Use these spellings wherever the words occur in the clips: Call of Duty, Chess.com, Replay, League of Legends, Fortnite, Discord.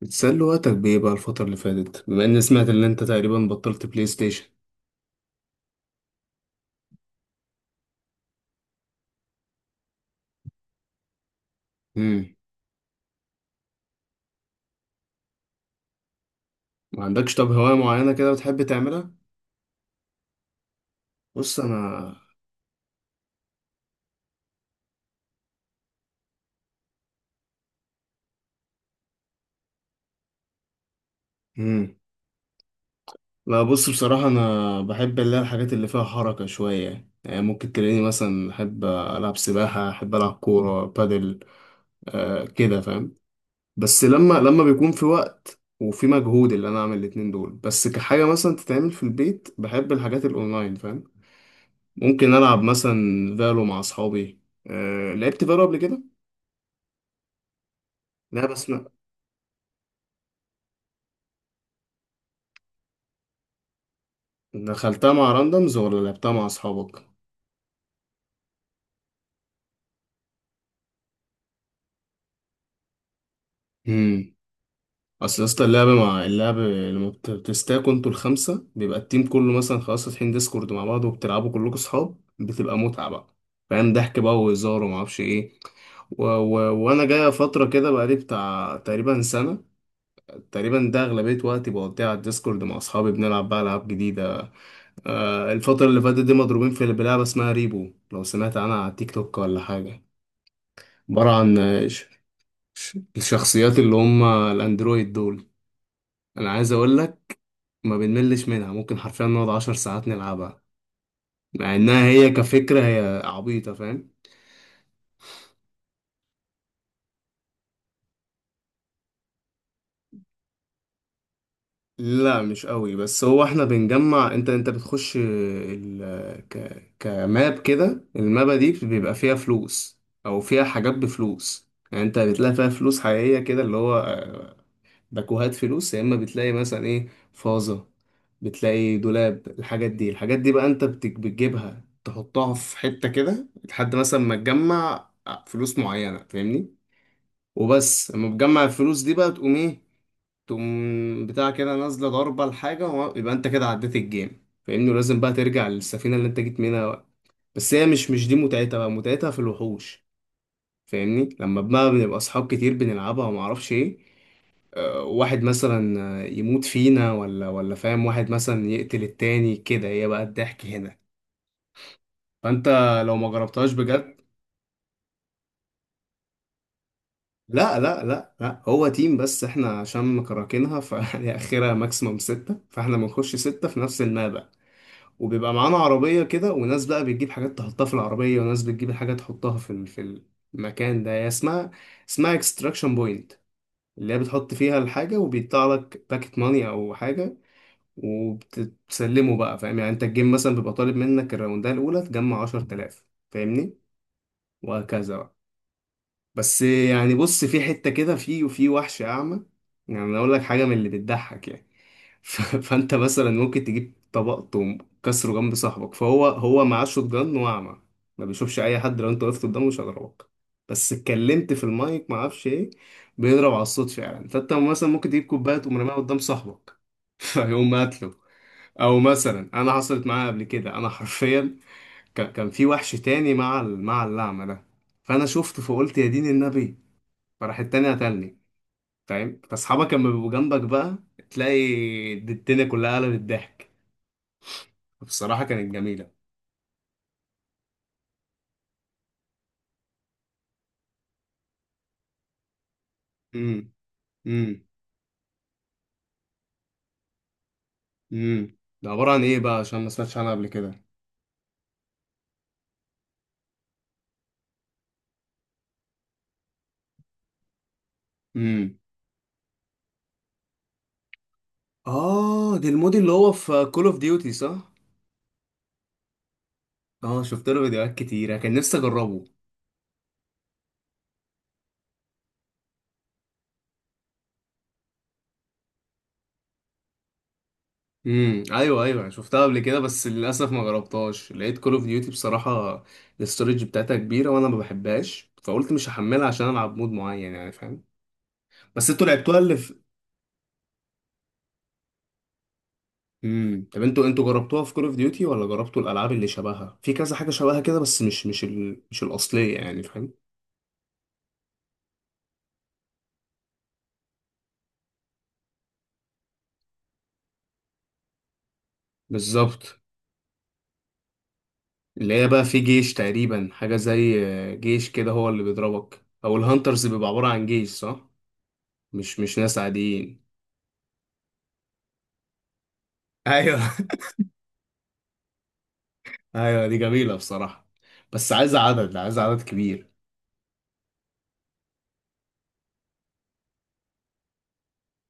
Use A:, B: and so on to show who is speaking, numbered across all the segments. A: بتسلي وقتك بإيه بقى الفترة اللي فاتت بما إني سمعت إن أنت تقريبا بطلت بلاي ستيشن؟ مم. ما عندكش طب هواية معينة كده بتحب تعملها؟ بص أنا. مم. لا، بص، بصراحة أنا بحب اللي هي الحاجات اللي فيها حركة شوية، يعني ممكن تلاقيني مثلا أحب ألعب سباحة، أحب ألعب كورة بادل. آه كده فاهم. بس لما بيكون في وقت وفي مجهود اللي أنا أعمل الاتنين دول، بس كحاجة مثلا تتعمل في البيت، بحب الحاجات الأونلاين فاهم. ممكن ألعب مثلا فالو مع أصحابي. أه لعبت فالو قبل كده؟ لا بس ما دخلتها مع راندمز ولا لعبتها مع أصحابك؟ امم أصل يا اسطى اللعب مع اللعب لما بتستاكوا انتوا الخمسة، بيبقى التيم كله مثلا خلاص فاتحين ديسكورد مع بعض وبتلعبوا كلكم أصحاب، بتبقى متعة بقى فاهم، ضحك بقى وهزار ومعرفش ايه. وانا جاية فترة كده بقالي بتاع تقريبا سنة، تقريبا ده أغلبية وقتي بقضيها على الديسكورد مع أصحابي بنلعب بقى ألعاب جديدة. الفترة اللي فاتت دي مضروبين في بلعبة اسمها ريبو، لو سمعت عنها على التيك توك ولا حاجة. عبارة عن الشخصيات اللي هم الأندرويد دول، أنا عايز أقول لك، ما بنملش منها، ممكن حرفيا نقعد 10 ساعات نلعبها، مع إنها هي كفكرة هي عبيطة فاهم. لا مش قوي، بس هو احنا بنجمع، انت بتخش كماب كده، المابة دي بيبقى فيها فلوس، او فيها حاجات بفلوس، يعني انت بتلاقي فيها فلوس حقيقية كده، اللي هو باكوهات فلوس، يا اما بتلاقي مثلا ايه، فازة، بتلاقي دولاب، الحاجات دي الحاجات دي بقى انت بتجيبها تحطها في حتة كده، لحد مثلا ما تجمع فلوس معينة فاهمني. وبس لما بتجمع الفلوس دي بقى تقوم ايه، تقوم بتاع كده نازلة ضربة لحاجة يبقى انت كده عديت الجيم فاهمني، ولازم بقى ترجع للسفينة اللي انت جيت منها بقى. بس هي مش دي متعتها بقى، متعتها في الوحوش فاهمني. لما بقى بنبقى اصحاب كتير بنلعبها وما اعرفش ايه، واحد مثلا يموت فينا ولا فاهم، واحد مثلا يقتل التاني كده، هي بقى الضحك هنا. فانت لو ما جربتهاش بجد. لا لا لا لا، هو تيم بس احنا عشان مكركينها فهي اخرها ماكسيموم ستة، فاحنا بنخش ستة في نفس المابا، وبيبقى معانا عربية كده وناس بقى بتجيب حاجات تحطها في العربية وناس بتجيب حاجات تحطها في في المكان ده، هي اسمها اكستراكشن بوينت، اللي هي بتحط فيها الحاجة وبيطلع لك باكت ماني او حاجة، وبتسلمه بقى فاهم. يعني انت الجيم مثلا بيبقى طالب منك الراوندة الأولى تجمع 10,000 فاهمني، وهكذا بقى. بس يعني بص، في حتة كده وفي وحش أعمى، يعني أنا أقول لك حاجة من اللي بتضحك يعني. فأنت مثلا ممكن تجيب طبق تقوم كسره جنب صاحبك، فهو هو معاه شوت جان وأعمى، ما بيشوفش أي حد، لو أنت وقفت قدامه مش هيضربك، بس اتكلمت في المايك ما اعرفش ايه، بيضرب على الصوت فعلا. فانت مثلا ممكن تجيب كوبايه تقوم راميها قدام صاحبك. فيقوم قاتله. او مثلا انا حصلت معايا قبل كده، انا حرفيا، كان في وحش تاني مع مع اللعمه ده، فانا شفته فقلت يا دين النبي، فراح التاني قتلني فاهم. فاصحابك لما بيبقوا جنبك بقى تلاقي الدنيا كلها قلبت ضحك، بصراحه كانت جميله. امم. امم. امم. ده عباره عن ايه بقى عشان ما سمعتش عنها قبل كده؟ امم. اه، دي المود اللي هو في كول اوف ديوتي صح؟ اه شفت له فيديوهات كتيره، كان نفسي اجربه. امم، ايوه ايوه، يعني شفتها قبل كده بس للاسف ما جربتهاش، لقيت كول اوف ديوتي بصراحه الاستورج بتاعتها كبيره وانا ما بحبهاش فقلت مش هحملها عشان العب مود معين يعني فاهم. بس انتوا لعبتوها اللي في. امم. طب انتوا جربتوها في كول اوف ديوتي ولا جربتوا الالعاب اللي شبهها في كذا حاجه شبهها كده، بس مش الاصليه يعني فاهم. بالظبط. اللي هي بقى في جيش تقريبا، حاجه زي جيش كده، هو اللي بيضربك او الهانترز بيبقى عباره عن جيش صح؟ مش ناس عاديين. ايوه ايوه دي جميلة بصراحة، بس عايزة عدد، عايزة عدد كبير.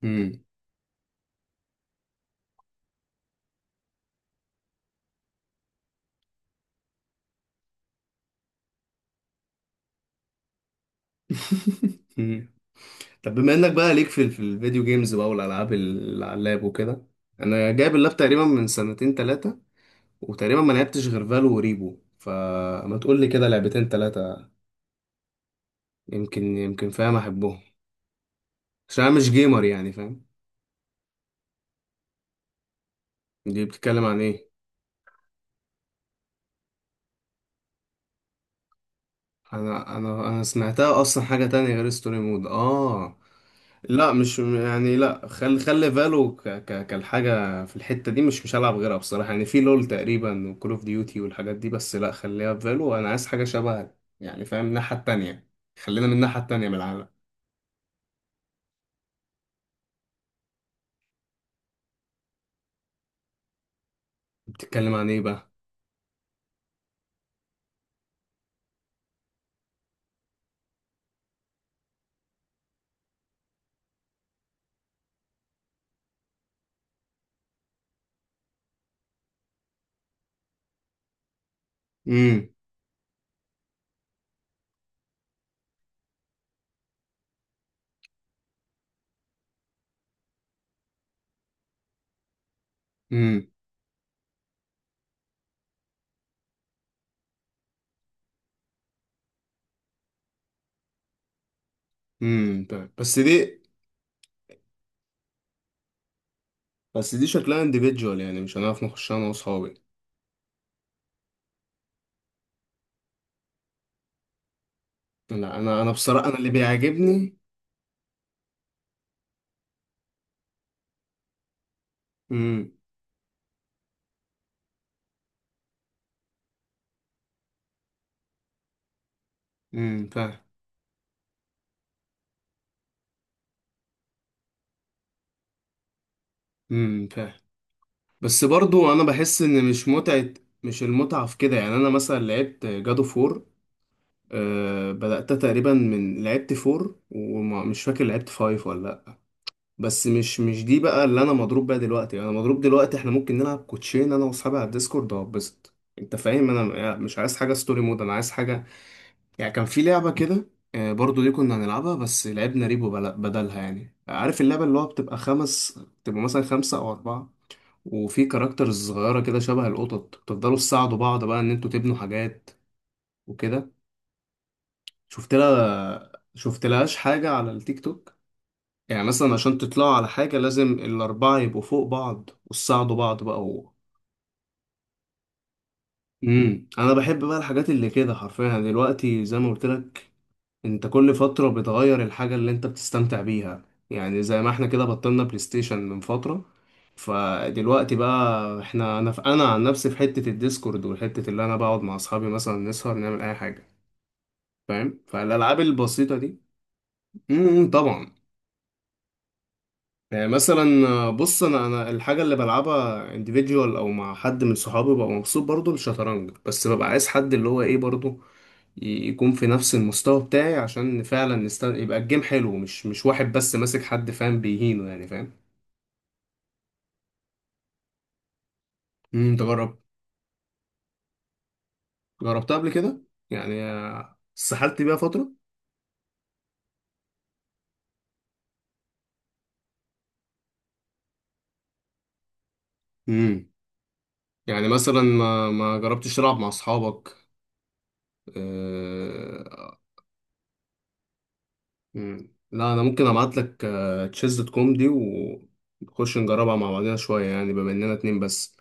A: امم. امم. طب بما انك بقى ليك في الفيديو جيمز بقى والالعاب اللي على اللاب وكده، انا جايب اللاب تقريبا من سنتين ثلاثة، وتقريبا ما لعبتش غير فالو وريبو، فما تقول لي كده لعبتين ثلاثة، يمكن يمكن فاهم احبهم عشان انا مش جيمر يعني فاهم. دي بتتكلم عن ايه؟ انا سمعتها اصلا حاجة تانية غير ستوري مود اه. لا مش يعني، لا خلي فالو ك ك كالحاجة في الحتة دي، مش هلعب غيرها بصراحة، يعني في لول تقريبا وكول اوف ديوتي والحاجات دي، بس لا خليها في فالو، انا عايز حاجة شبهها يعني فاهم، الناحية التانية، خلينا من الناحية التانية من العالم. بتتكلم عن ايه بقى؟ امم. امم. امم، طيب بس دي شكلها انديفيدجوال يعني مش هنعرف نخشها انا واصحابي. لا انا بصراحة انا اللي بيعجبني. امم. فاهم. فاهم. بس برضو انا بحس ان مش متعة، مش المتعة في كده يعني، انا مثلا لعبت جادو فور، أه بدأت تقريبا من لعبت فور ومش فاكر لعبت فايف ولا لا، بس مش دي بقى اللي انا مضروب بيها دلوقتي، يعني انا مضروب دلوقتي احنا ممكن نلعب كوتشين انا واصحابي على الديسكورد وهبسط، انت فاهم، انا يعني مش عايز حاجة ستوري مود، انا عايز حاجة يعني كان في لعبة كده، أه برضو دي كنا هنلعبها بس لعبنا ريبو بدلها، يعني عارف اللعبة اللي هو بتبقى خمس بتبقى مثلا خمسة او اربعة، وفي كاركترز صغيرة كده شبه القطط بتفضلوا تساعدوا بعض بقى إن انتوا تبنوا حاجات وكده، شفت لهاش حاجة على التيك توك؟ يعني مثلا عشان تطلعوا على حاجة لازم الأربعة يبقوا فوق بعض وتساعدوا بعض بقى. مم. أنا بحب بقى الحاجات اللي كده حرفيا دلوقتي زي ما قلت لك، انت كل فترة بتغير الحاجة اللي انت بتستمتع بيها يعني، زي ما احنا كده بطلنا بلاي ستيشن من فترة، فدلوقتي بقى احنا انا في انا عن نفسي في حتة الديسكورد، والحتة اللي انا بقعد مع اصحابي مثلا نسهر نعمل اي حاجة، فاهم، فالالعاب البسيطة دي. طبعا. يعني مثلا بص، انا الحاجه اللي بلعبها individual او مع حد من صحابي، ببقى مبسوط برضو الشطرنج، بس ببقى عايز حد اللي هو ايه برضو، يكون في نفس المستوى بتاعي عشان فعلا يبقى الجيم حلو، مش واحد بس ماسك حد فاهم بيهينه، يعني فاهم. تجرب. جربتها قبل كده، يعني سحلت بيها فتره. امم. يعني مثلا ما جربتش تلعب مع اصحابك. آه، مم. لا انا ممكن ابعت لك Chess.com دي، ونخش نجربها مع بعضنا شويه يعني بما اننا اتنين بس